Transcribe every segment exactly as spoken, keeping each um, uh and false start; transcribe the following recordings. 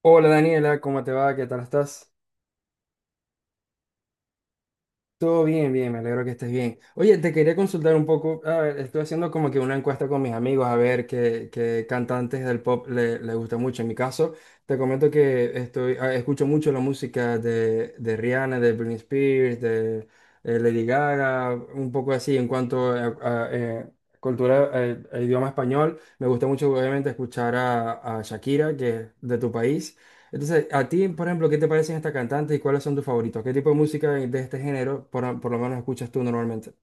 Hola Daniela, ¿cómo te va? ¿Qué tal estás? Todo bien, bien, me alegro que estés bien. Oye, te quería consultar un poco, a ver, estoy haciendo como que una encuesta con mis amigos a ver qué, qué cantantes del pop le, le gusta mucho. En mi caso, te comento que estoy, ah, escucho mucho la música de, de Rihanna, de Britney Spears, de eh, Lady Gaga, un poco así en cuanto a, a, eh, cultura, eh, a idioma español. Me gusta mucho obviamente escuchar a, a Shakira, que es de tu país. Entonces, a ti, por ejemplo, ¿qué te parecen estas cantantes y cuáles son tus favoritos? ¿Qué tipo de música de este género, por, por lo menos, escuchas tú normalmente?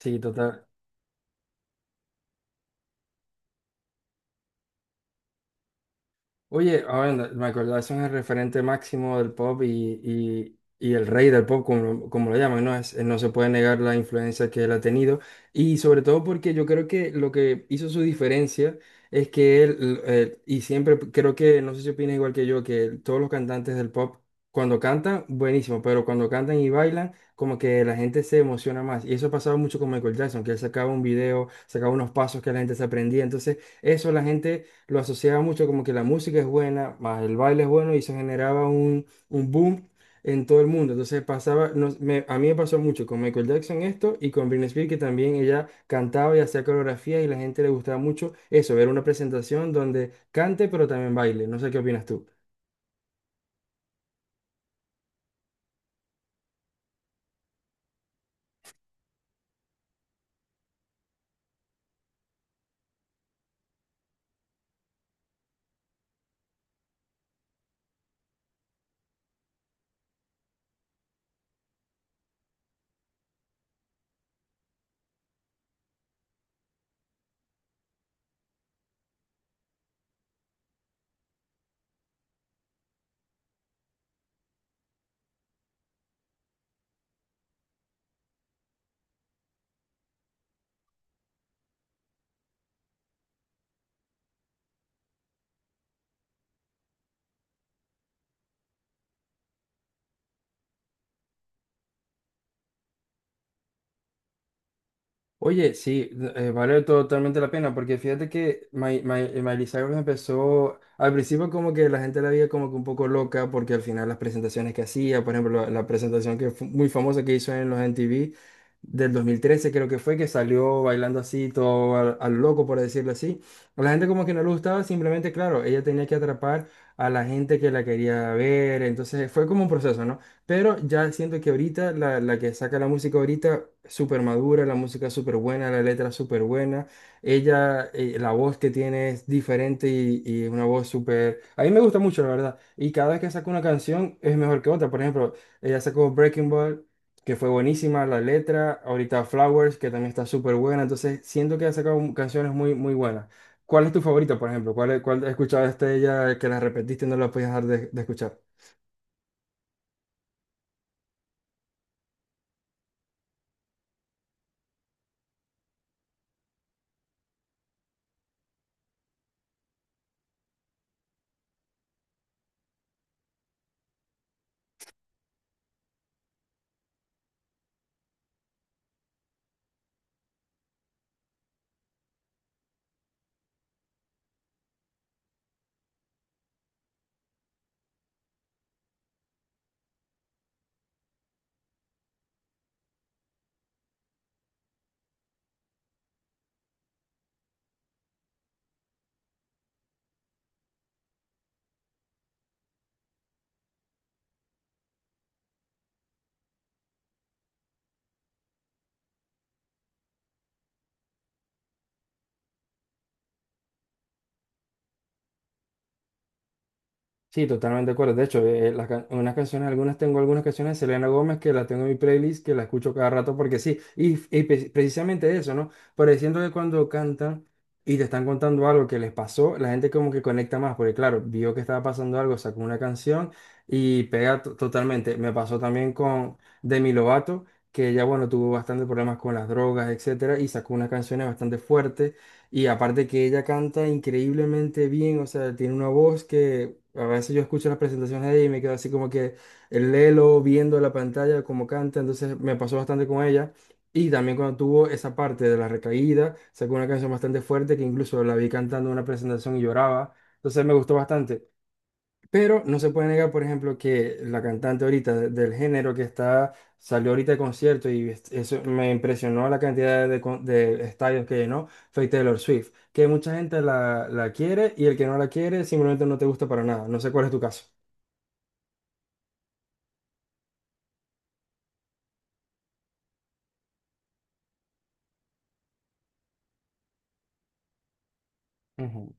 Sí, total. Oye, ahora me me acordaba, son el referente máximo del pop y, y- y el rey del pop, como, como lo llaman, ¿no? Es, eh, no se puede negar la influencia que él ha tenido. Y sobre todo porque yo creo que lo que hizo su diferencia es que él, l- eh, y siempre p- creo que, no sé si opinas igual que yo, que todos los cantantes del pop, cuando cantan, buenísimo, pero cuando cantan y bailan, como que la gente se emociona más. Y eso pasaba mucho con Michael Jackson, que él sacaba un video, sacaba unos pasos que la gente se aprendía. Entonces, eso la gente lo asociaba mucho como que la música es buena, más el baile es bueno y se generaba un, un boom en todo el mundo. Entonces pasaba, no- me- a mí me pasó mucho con Michael Jackson esto y con Britney Spears que también ella cantaba y hacía coreografía y la gente le gustaba mucho eso, ver una presentación donde cante pero también baile. No sé qué opinas tú. Oye, sí, eh, vale totalmente la pena, porque fíjate que Mi- Mi- Miley Cyrus empezó, al principio como que la gente la veía como que un poco loca, porque al final las presentaciones que hacía, por ejemplo, la, la presentación que fue muy famosa que hizo en los M T V del dos mil trece creo que fue, que salió bailando así, todo al, al loco, por decirlo así. A la gente como que no le gustaba, simplemente, claro, ella tenía que atrapar a la gente que la quería ver, entonces fue como un proceso, ¿no? Pero ya siento que ahorita la, la que saca la música ahorita, súper madura, la música súper buena, la letra súper buena. Ella, eh, la voz que tiene es diferente y, y es una voz súper. A mí me gusta mucho, la verdad. Y cada vez que saca una canción es mejor que otra. Por ejemplo, ella sacó Breaking Ball, que fue buenísima la letra. Ahorita Flowers, que también está súper buena. Entonces siento que ha sacado canciones muy, muy buenas. ¿Cuál es tu favorita, por ejemplo? ¿Cuál, cuál escuchaste de ella que la repetiste y no la podías dejar de de escuchar? Sí, totalmente de acuerdo. De hecho, eh, las can- unas canciones, algunas tengo algunas canciones de Selena Gómez que las tengo en mi playlist, que las escucho cada rato porque sí. Y, y pre- precisamente eso, ¿no? Pareciendo que cuando cantan y te están contando algo que les pasó, la gente como que conecta más, porque claro, vio que estaba pasando algo, sacó una canción y pega to- totalmente. Me pasó también con Demi Lovato, que ella, bueno, tuvo bastantes problemas con las drogas, etcétera, y sacó unas canciones bastante fuertes. Y aparte que ella canta increíblemente bien, o sea, tiene una voz que, a veces yo escucho las presentaciones de ella y me quedo así como que el lelo viendo la pantalla, como canta, entonces me pasó bastante con ella. Y también cuando tuvo esa parte de la recaída, sacó una canción bastante fuerte que incluso la vi cantando en una presentación y lloraba. Entonces me gustó bastante. Pero no se puede negar, por ejemplo, que la cantante ahorita de- del género que está, salió ahorita de concierto y es- eso me impresionó la cantidad de, con- de estadios que llenó, fue Taylor Swift, que mucha gente la, la quiere y el que no la quiere simplemente no te gusta para nada. No sé cuál es tu caso. Ujú.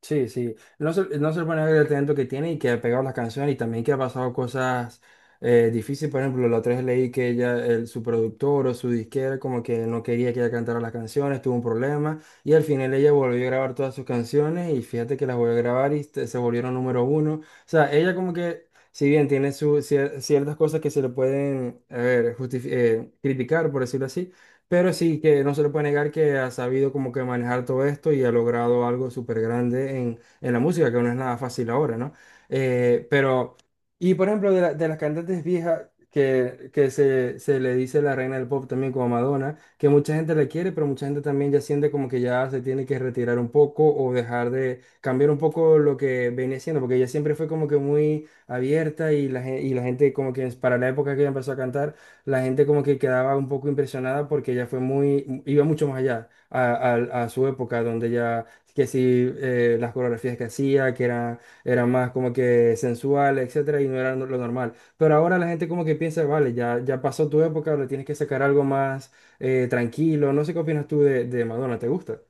Sí, sí. No se, no se pone a ver el talento que tiene y que ha pegado las canciones y también que ha pasado cosas eh, difíciles. Por ejemplo, la otra vez leí que ella, el- su productor o su disquera como que no quería que ella cantara las canciones, tuvo un problema y al final ella volvió a grabar todas sus canciones y fíjate que las volvió a grabar y te- se volvieron número uno. O sea, ella como que, si bien tiene su, cier- ciertas cosas que se le pueden, a ver, justifi- eh, criticar, por decirlo así. Pero sí que no se le puede negar que ha sabido como que manejar todo esto y ha logrado algo súper grande en, en la música, que no es nada fácil ahora, ¿no? Eh, pero, y por ejemplo, de, la- de las cantantes viejas que, que se, se le dice la reina del pop también como Madonna, que mucha gente le quiere, pero mucha gente también ya siente como que ya se tiene que retirar un poco o dejar de cambiar un poco lo que venía siendo, porque ella siempre fue como que muy abierta y la, gen- y la gente como que para la época que ella empezó a cantar la gente como que quedaba un poco impresionada porque ella fue muy, iba mucho más allá a, a- a su época, donde ya, que sí, eh, las coreografías que hacía, que eran, eran más como que sensuales, etcétera, y no era lo normal. Pero ahora la gente como que piensa, vale, ya, ya pasó tu época, ahora tienes que sacar algo más eh, tranquilo. No sé qué opinas tú de, de Madonna, ¿te gusta?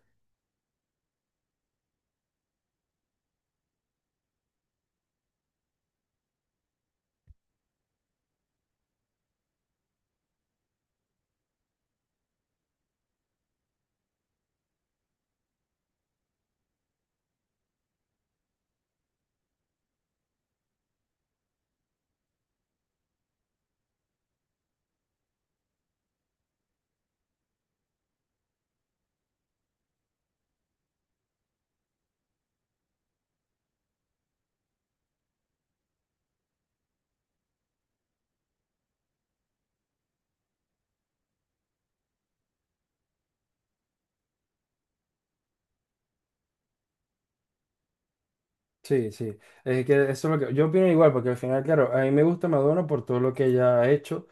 Sí, sí. Es que eso es lo que yo opino igual, porque al final, claro, a mí me gusta Madonna por todo lo que ella ha hecho.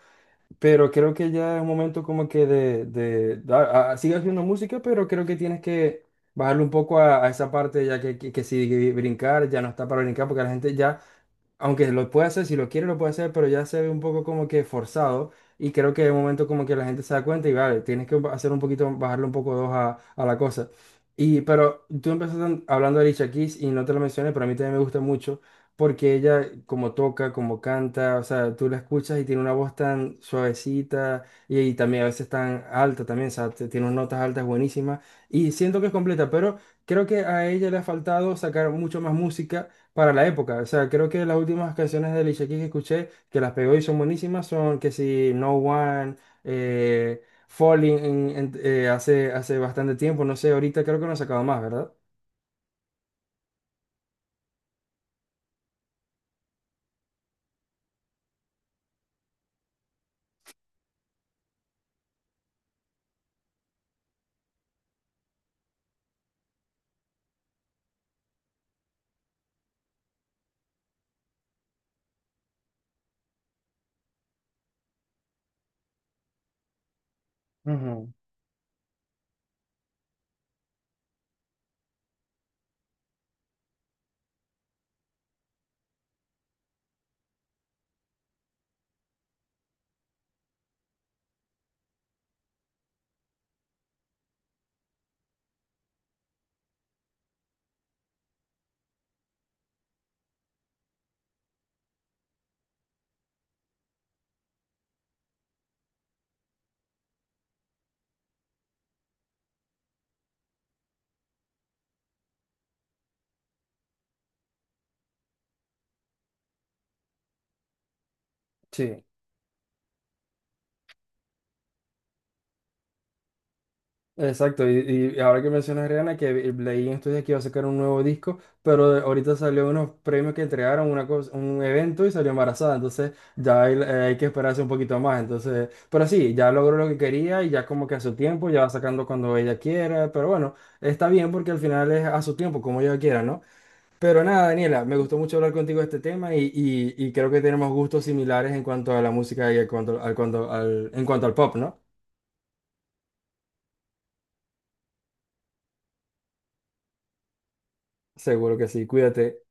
Pero creo que ya es un momento como que de, de, de- a- a- sigue haciendo música, pero creo que tienes que bajarle un poco a, a esa parte, ya que, que, que si brincar, ya no está para brincar, porque la gente ya aunque lo puede hacer, si lo quiere lo puede hacer, pero ya se ve un poco como que forzado y creo que de momento como que la gente se da cuenta y vale, tienes que hacer un poquito, bajarle un poco dos a, a la cosa. Y pero tú empezaste hablando de Alicia Keys y no te lo mencioné, pero a mí también me gusta mucho porque ella como toca, como canta, o sea, tú la escuchas y tiene una voz tan suavecita y, y también a veces tan alta también, o sea, te- tiene unas notas altas buenísimas y siento que es completa, pero creo que a ella le ha faltado sacar mucho más música para la época. O sea, creo que las últimas canciones de Alicia Keys que escuché, que las pegó y son buenísimas, son que si No One, eh, Falling, en- en- eh, hace, hace bastante tiempo, no sé, ahorita creo que no ha sacado más, ¿verdad? Ujú. Sí. Exacto, y, y ahora que mencionas Rihanna, que vi- leí en estos días que iba a sacar un nuevo disco, pero de- ahorita salió unos premios que entregaron una cosa, un evento y salió embarazada, entonces ya hay, eh, hay que esperarse un poquito más, entonces, pero sí, ya logró lo que quería y ya como que a su tiempo, ya va sacando cuando ella quiera, pero bueno, está bien porque al final es a su tiempo, como ella quiera, ¿no? Pero nada, Daniela, me gustó mucho hablar contigo de este tema y, y- y creo que tenemos gustos similares en cuanto a la música y en cuanto, al, cuanto, al, en cuanto al pop, ¿no? Seguro que sí, cuídate.